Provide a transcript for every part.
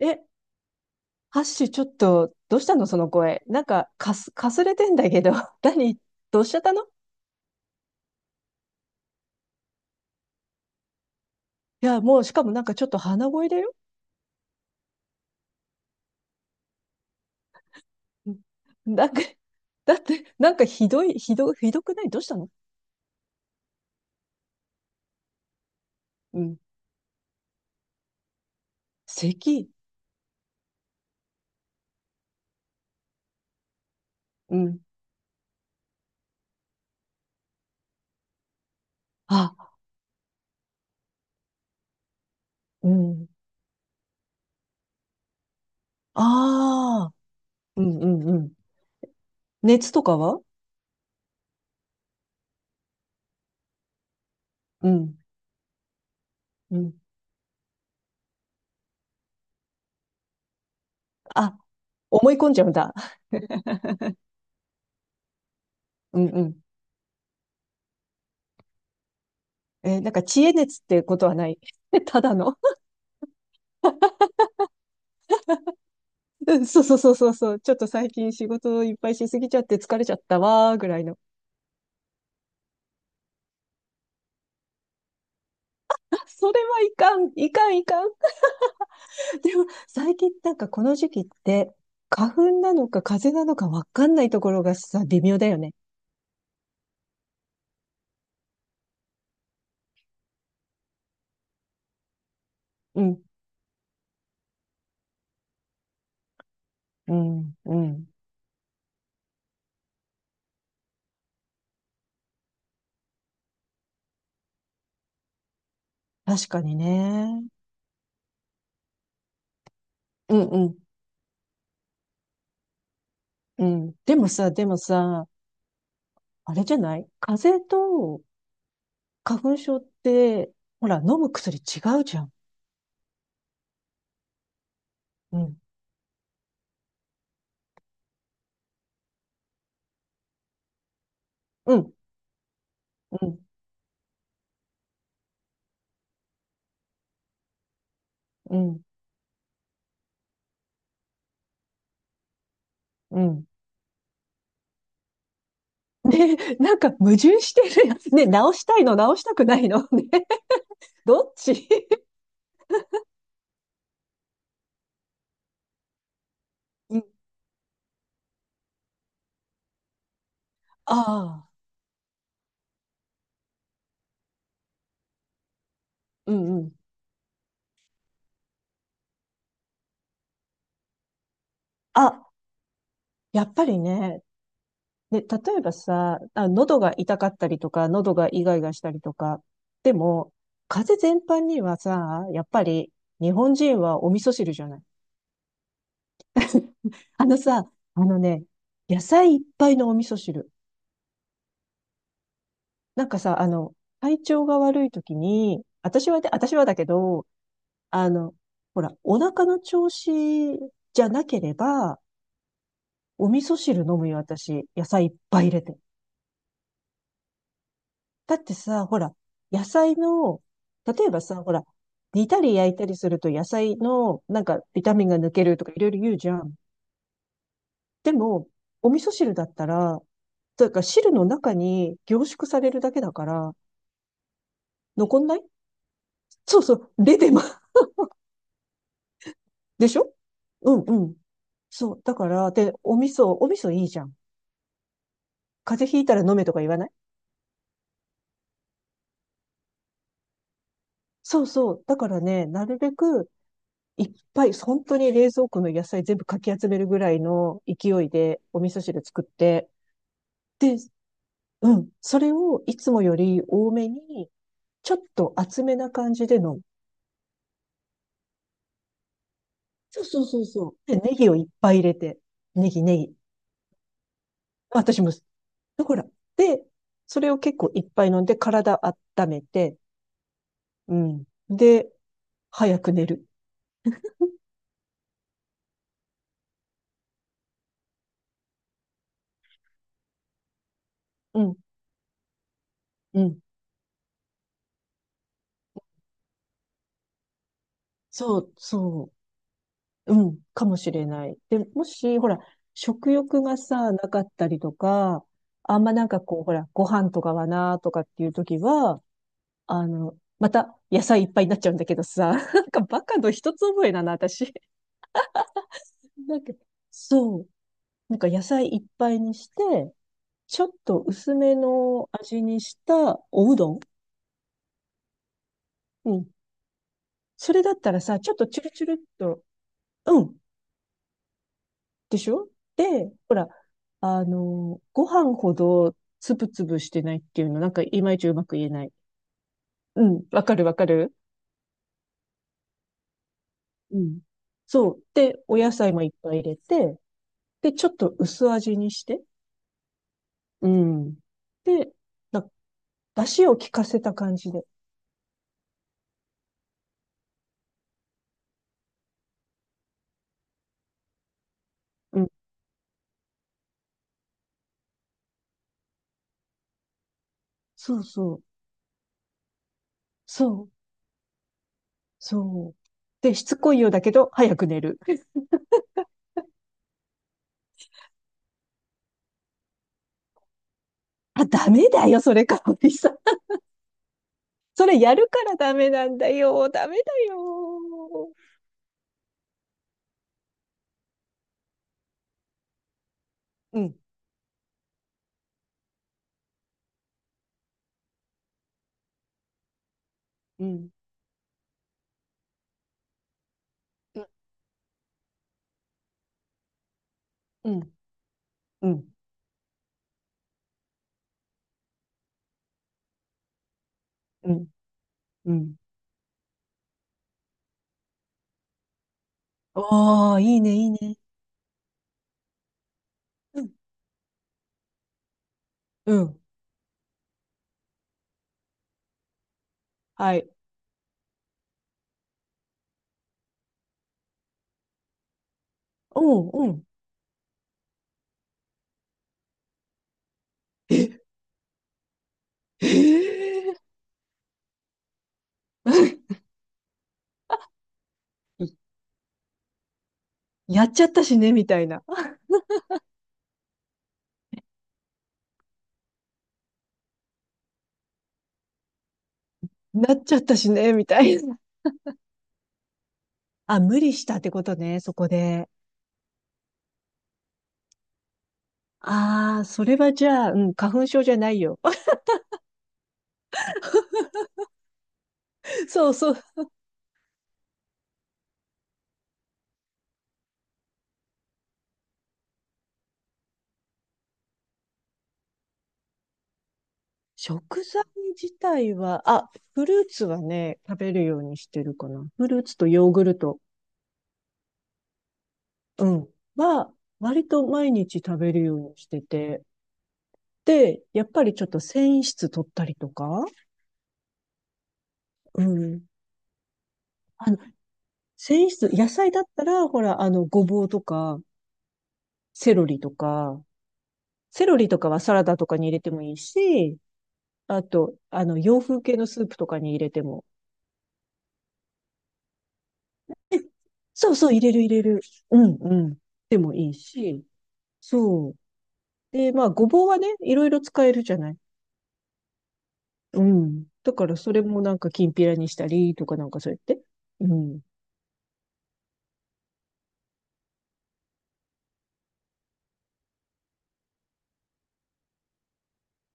え、ハッシュ、ちょっと、どうしたのその声。なんか、かすれてんだけど、何どうしちゃったの？いや、もう、しかもなんかちょっと鼻声だよ。うん、なんか、だって、なんかひどくない？どうしたの？うん。咳。うん。あ、うん。ああ。うんうんうん。熱とかは？うん。うん。あ、思い込んじゃうんだ。うんうん。えーなんか、知恵熱ってことはない？ただの。うん、そうそうそうそうそう。ちょっと最近仕事いっぱいしすぎちゃって疲れちゃったわーぐらいの。あ、それはいかん、いかん、いかん。でも最近なんかこの時期って花粉なのか風邪なのかわかんないところがさ、微妙だよね。うん、うん、うん。確かにね。うん、うん、うん。でもさ、あれじゃない？風邪と花粉症って、ほら、飲む薬違うじゃん。うん、うん、うん、うん、うん。ね、なんか矛盾してるやつ。ね、直したいの、直したくないの。ね、どっち？うん、ああ、うんうん。あ、やっぱりね。で、例えばさ、あ、喉が痛かったりとか、喉がイガイガしたりとか。でも、風邪全般にはさ、やっぱり日本人はお味噌汁じゃない？あのさ、あのね、野菜いっぱいのお味噌汁。なんかさ、あの、体調が悪い時に、私はだけど、あの、ほら、お腹の調子じゃなければ、お味噌汁飲むよ、私。野菜いっぱい入れて。だってさ、ほら、野菜の、例えばさ、ほら、煮たり焼いたりすると野菜の、なんか、ビタミンが抜けるとかいろいろ言うじゃん。でも、お味噌汁だったら、というか汁の中に凝縮されるだけだから、残んない。そうそう、レデマ、でしょ？うんうん。そう、だから、で、お味噌いいじゃん。風邪ひいたら飲めとか言わない？そうそう。だからね、なるべくいっぱい、本当に冷蔵庫の野菜全部かき集めるぐらいの勢いでお味噌汁作って、で、うん、それをいつもより多めに、ちょっと厚めな感じで飲む。そうそうそうそう。で、ネギをいっぱい入れて、ネギネギ。私も、だから。で、それを結構いっぱい飲んで、体温めて、うん。で、早く寝る。うん、うん。そう、そう。うん、かもしれない。で、もし、ほら、食欲がさ、なかったりとか、あんまなんかこう、ほら、ご飯とかはな、とかっていう時は、あの、また野菜いっぱいになっちゃうんだけどさ、なんかバカの一つ覚えだな、私。なんか、そう。なんか野菜いっぱいにして、ちょっと薄めの味にしたおうどん。うん。それだったらさ、ちょっとチュルチュルっと、うん。でしょ？で、ほら、あの、ご飯ほどつぶつぶしてないっていうの、なんかいまいちうまく言えない。うん、わかるわかる。うん。そう。で、お野菜もいっぱい入れて、で、ちょっと薄味にして、うん。で、な、出汁を効かせた感じで。うん。そうそう。そう。そう。で、しつこいようだけど、早く寝る。あ、ダメだよ、それか、おじさん。それやるからダメなんだよ。ダメだよ。うん。うん。うん。うん、うん、うん、うん。ああ、いいね、いいね。うん、うん、はい。うん、うん。え、ええ いやっちゃったしね、みたいな。なっちゃったしね、みたいな。あ、無理したってことね、そこで。ああ、それはじゃあ、うん、花粉症じゃないよ。そうそう。食材自体は、あ、フルーツはね、食べるようにしてるかな。フルーツとヨーグルト、うん、は、割と毎日食べるようにしてて、で、やっぱりちょっと繊維質取ったりとか、うん。あの、繊維質、野菜だったら、ほら、あの、ごぼうとか、セロリとか、セロリとかはサラダとかに入れてもいいし、あと、あの、洋風系のスープとかに入れても、え、そうそう、入れる入れる。うん、うん。でもいいし、そう。で、まあ、ごぼうはね、いろいろ使えるじゃない。うん。だから、それもなんか、きんぴらにしたりとかなんかそうやって。うん。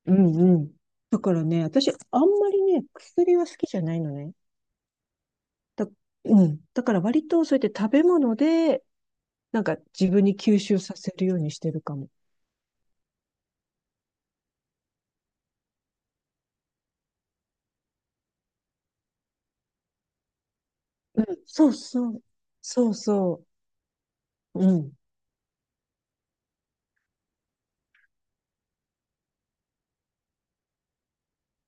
うんうん。だからね、私、あんまりね、薬は好きじゃないのね。だ、うん。だから割とそうやって食べ物で、なんか自分に吸収させるようにしてるかも。うん。そうそう。そうそう。うん。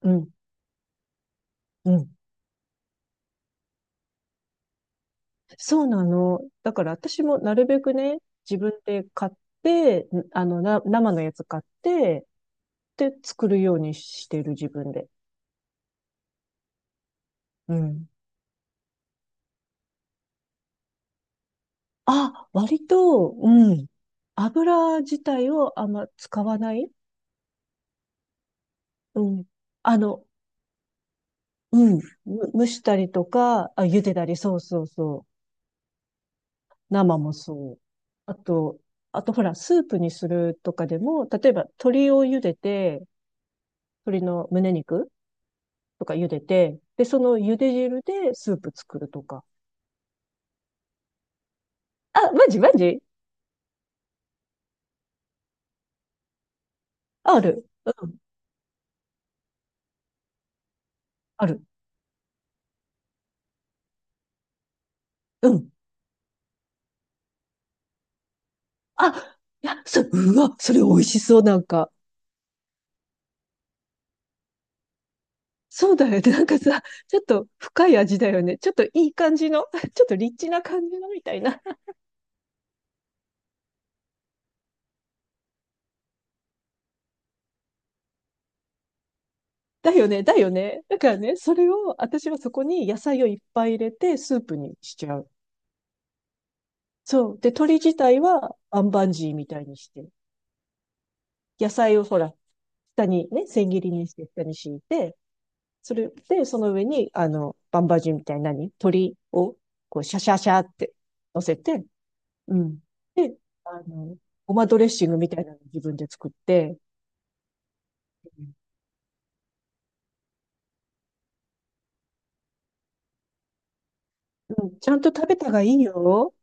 うん。うん。そうなの。だから私もなるべくね、自分で買って、あの、生のやつ買って、で、作るようにしてる自分で。うん。あ、割と、うん。油自体をあんま使わない。うん。あの、うん。蒸したりとか、あ、茹でたり、そうそうそう。生もそう。あと、あとほら、スープにするとかでも、例えば鶏を茹でて、鶏の胸肉とか茹でて、で、その茹で汁でスープ作るとか。あ、マジマジ？ある。うん。ある。うん。あ、うわ、それ美味しそう、なんか。そうだよね。なんかさ、ちょっと深い味だよね。ちょっといい感じの、ちょっとリッチな感じのみたいな。だよね、だよね。だからね、それを、私はそこに野菜をいっぱい入れて、スープにしちゃう。そう。で、鶏自体は、アンバンジーみたいにして、野菜をほら、下にね、千切りにして、下に敷いて、それで、その上に、あの、バンバンジーみたいな何鶏を、こう、シャシャシャって乗せて、うん。で、あの、ごまドレッシングみたいなの自分で作って、うん、ちゃんと食べたがいいよ。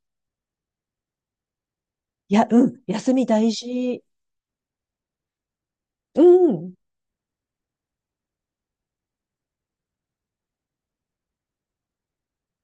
いや、うん、休み大事。うん。